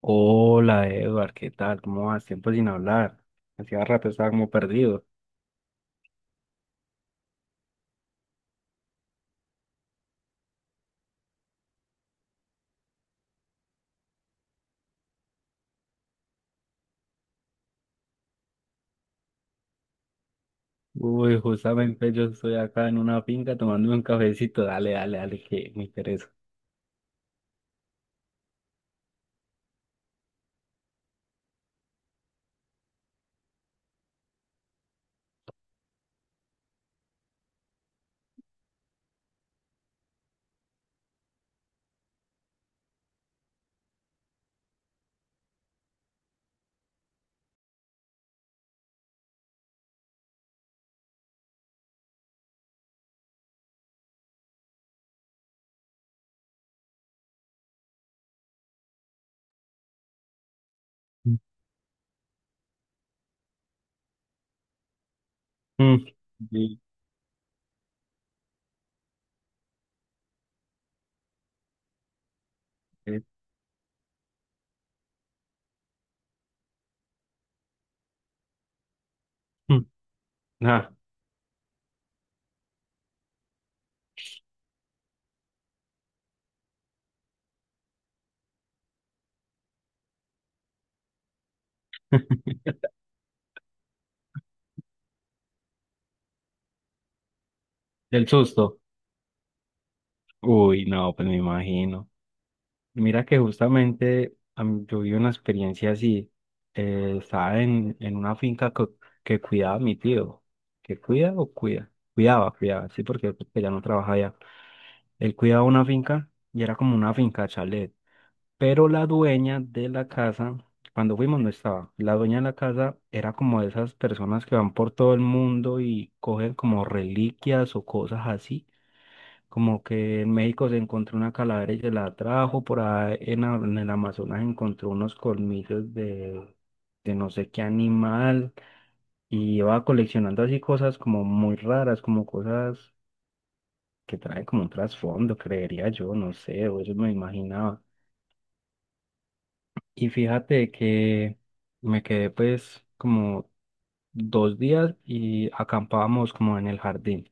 Hola, Edward, ¿qué tal? ¿Cómo vas? Tiempo sin hablar. Hacía rato estaba como perdido. Uy, justamente yo estoy acá en una finca tomándome un cafecito. Dale, dale, dale, que me interesa. Mm, sí, eh, mm, ah, del susto. Uy, no, pues me imagino. Mira que justamente yo viví una experiencia así. Estaba en una cuidaba a mi tío. ¿Que cuida o cuida? Cuidaba, cuidaba, sí, porque, porque ya no trabaja allá. Él cuidaba una finca y era como una finca chalet, pero la dueña de la casa, cuando fuimos no estaba. La dueña de la casa era como de esas personas que van por todo el mundo y cogen como reliquias o cosas así, como que en México se encontró una calavera y se la trajo, por ahí en, en el Amazonas encontró unos colmillos de no sé qué animal y iba coleccionando así cosas como muy raras, como cosas que trae como un trasfondo, creería yo, no sé, o eso me imaginaba. Y fíjate que me quedé pues como dos días y acampábamos como en el jardín.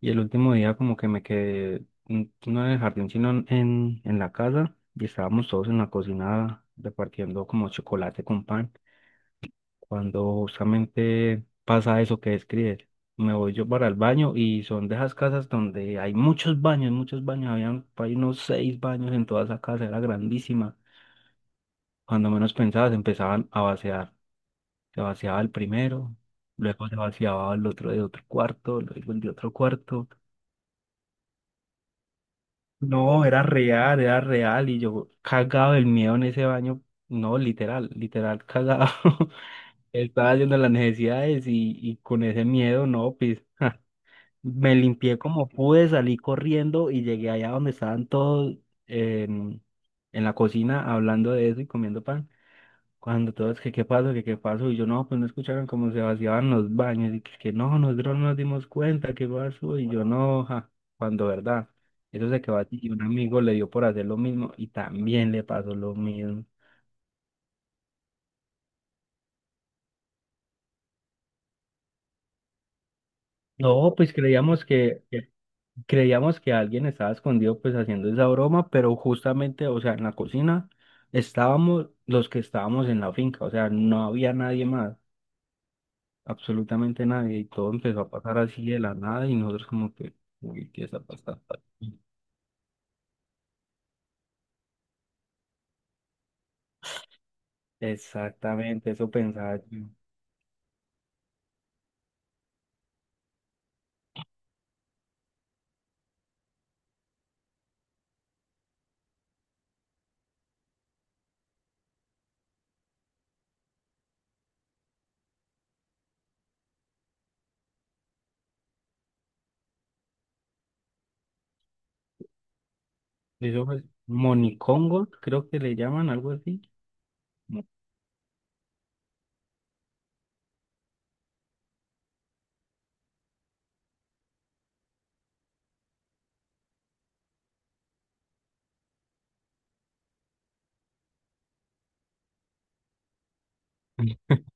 Y el último día como que me quedé, mm, no en el jardín, sino en la casa, y estábamos todos en la cocina repartiendo como chocolate con pan, cuando justamente pasa eso que describes. Me voy yo para el baño y son de esas casas donde hay muchos baños, muchos baños. Habían por ahí unos seis baños en toda esa casa, era grandísima. Cuando menos pensabas, empezaban a vaciar. Se vaciaba el primero, luego se vaciaba el otro de otro cuarto, luego el de otro cuarto. No, era real, era real, y yo cagado del miedo en ese baño. No, literal, literal cagado. Estaba haciendo las necesidades, y con ese miedo, no, pues. Me limpié como pude, salí corriendo y llegué allá donde estaban todos, en, en la cocina, hablando de eso y comiendo pan. Cuando todos, que qué pasó, y yo no, pues, no escucharon cómo se vaciaban los baños y que no, nosotros no nos dimos cuenta, qué pasó, y yo no, ja, cuando verdad, eso se quedó así, y un amigo le dio por hacer lo mismo y también le pasó lo mismo. No, pues creíamos que alguien estaba escondido pues haciendo esa broma, pero justamente, o sea, en la cocina estábamos los que estábamos en la finca, o sea, no había nadie más, absolutamente nadie, y todo empezó a pasar así de la nada, y nosotros como que, uy, ¿qué está pasando aquí? Exactamente, eso pensaba yo. Eso fue monicongo, creo que le llaman algo así.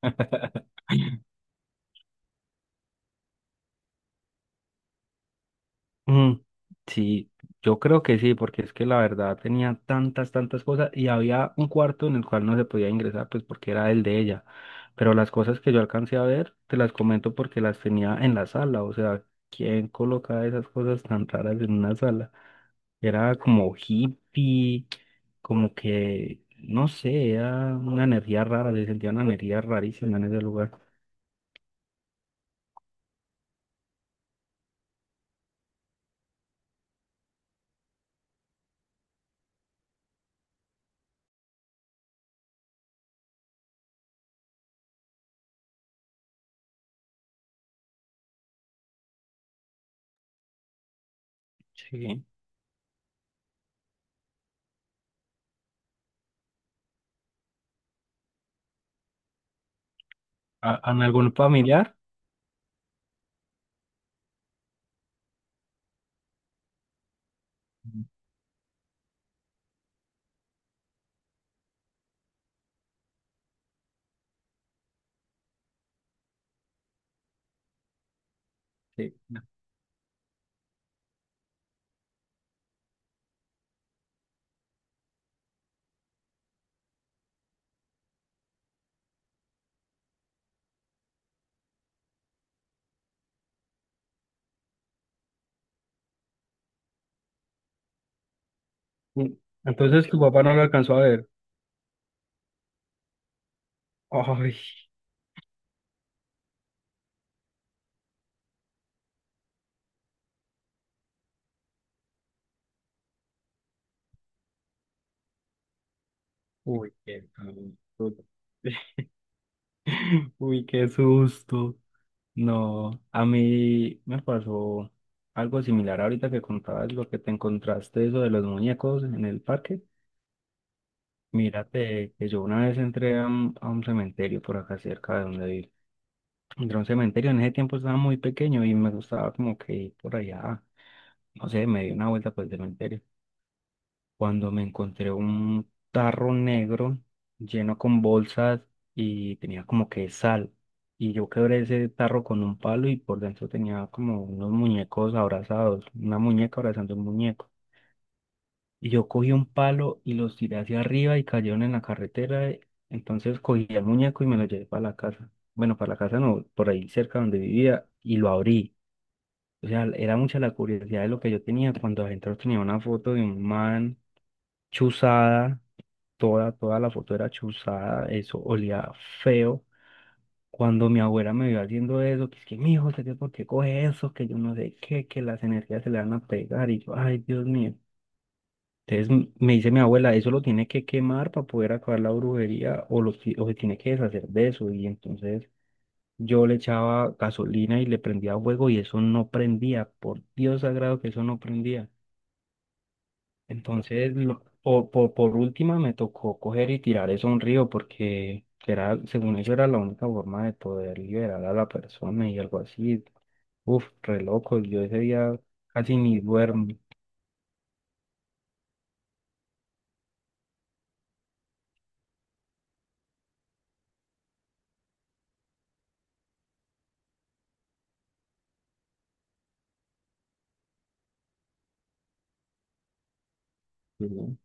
Mm, sí, yo creo que sí, porque es que la verdad tenía tantas, tantas cosas, y había un cuarto en el cual no se podía ingresar, pues porque era el de ella. Pero las cosas que yo alcancé a ver, te las comento porque las tenía en la sala. O sea, ¿quién colocaba esas cosas tan raras en una sala? Era como hippie, como que, no sé, era una energía rara, se sentía una energía rarísima en ese lugar. Sí. ¿En algún familiar? Sí. Mm. Entonces tu papá no lo alcanzó a ver. Ay, uy, qué susto. Uy, qué susto. No, a mí me pasó algo similar ahorita que contabas lo que te encontraste, eso de los muñecos en el parque. Mírate que yo una vez entré a un cementerio por acá cerca de donde vivo. Entré a un cementerio, en ese tiempo estaba muy pequeño y me gustaba como que ir por allá, no sé, me di una vuelta por el cementerio, cuando me encontré un tarro negro lleno con bolsas y tenía como que sal. Y yo quebré ese tarro con un palo, y por dentro tenía como unos muñecos abrazados, una muñeca abrazando un muñeco. Y yo cogí un palo y los tiré hacia arriba y cayeron en la carretera. Entonces cogí el muñeco y me lo llevé para la casa. Bueno, para la casa no, por ahí cerca donde vivía, y lo abrí. O sea, era mucha la curiosidad de lo que yo tenía cuando adentro tenía una foto de un man chuzada. Toda, toda la foto era chuzada, eso olía feo. Cuando mi abuela me vio haciendo eso, ¿que es que mi hijo, por qué coge eso? Que yo no sé qué, que las energías se le van a pegar. Y yo, ay, Dios mío. Entonces me dice mi abuela, eso lo tiene que quemar para poder acabar la brujería, o, o se tiene que deshacer de eso. Y entonces yo le echaba gasolina y le prendía fuego, y eso no prendía. Por Dios sagrado que eso no prendía. Entonces, por última me tocó coger y tirar eso a un río porque era, según eso era la única forma de poder liberar a la persona y algo así. Uf, re loco, yo ese día casi ni duermo. Ujú.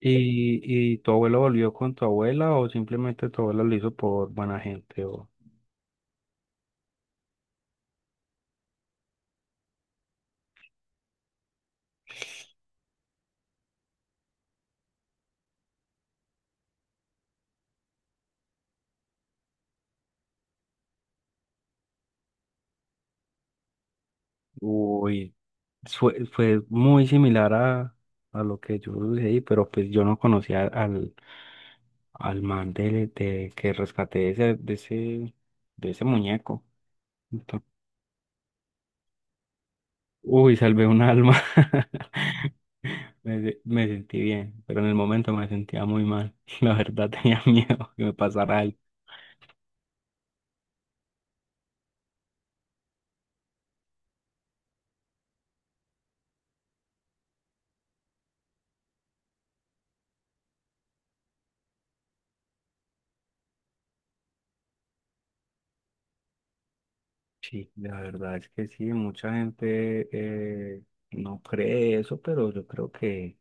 Y tu abuelo volvió con tu abuela, o simplemente tu abuela lo hizo por buena gente? O... Uy, fue, fue muy similar a lo que yo sucedí, pero pues yo no conocía al, al man que rescaté de ese, de ese muñeco. Ento- Uy, salvé un alma. Me sentí bien, pero en el momento me sentía muy mal. La verdad tenía miedo que me pasara algo. Sí, la verdad es que sí, mucha gente, no cree eso, pero yo creo que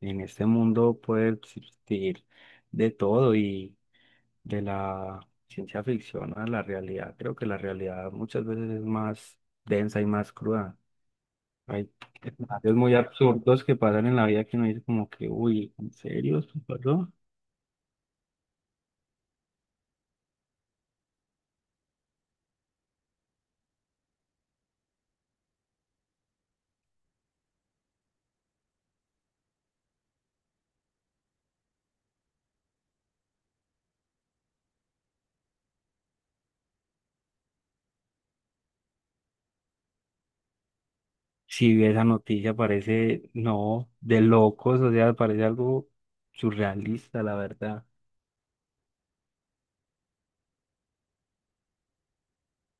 en este mundo puede existir de todo, y de la ciencia ficción a la realidad. Creo que la realidad muchas veces es más densa y más cruda. Hay escenarios muy absurdos que pasan en la vida, que uno dice como que, uy, ¿en serio esto pasó? Si esa noticia parece, no, de locos, o sea, parece algo surrealista, la verdad.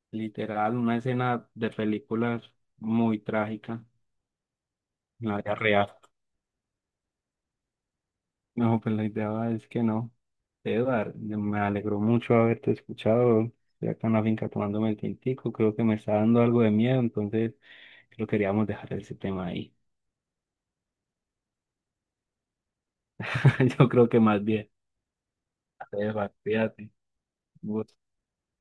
Literal, una escena de películas muy trágica en la vida real. No, pues la idea va es que no. Eduard, me alegró mucho haberte escuchado. Estoy acá en la finca tomándome el tintico. Creo que me está dando algo de miedo, entonces creo que queríamos dejar ese tema ahí. Yo creo que más bien. Eduard, cuídate. Un gusto.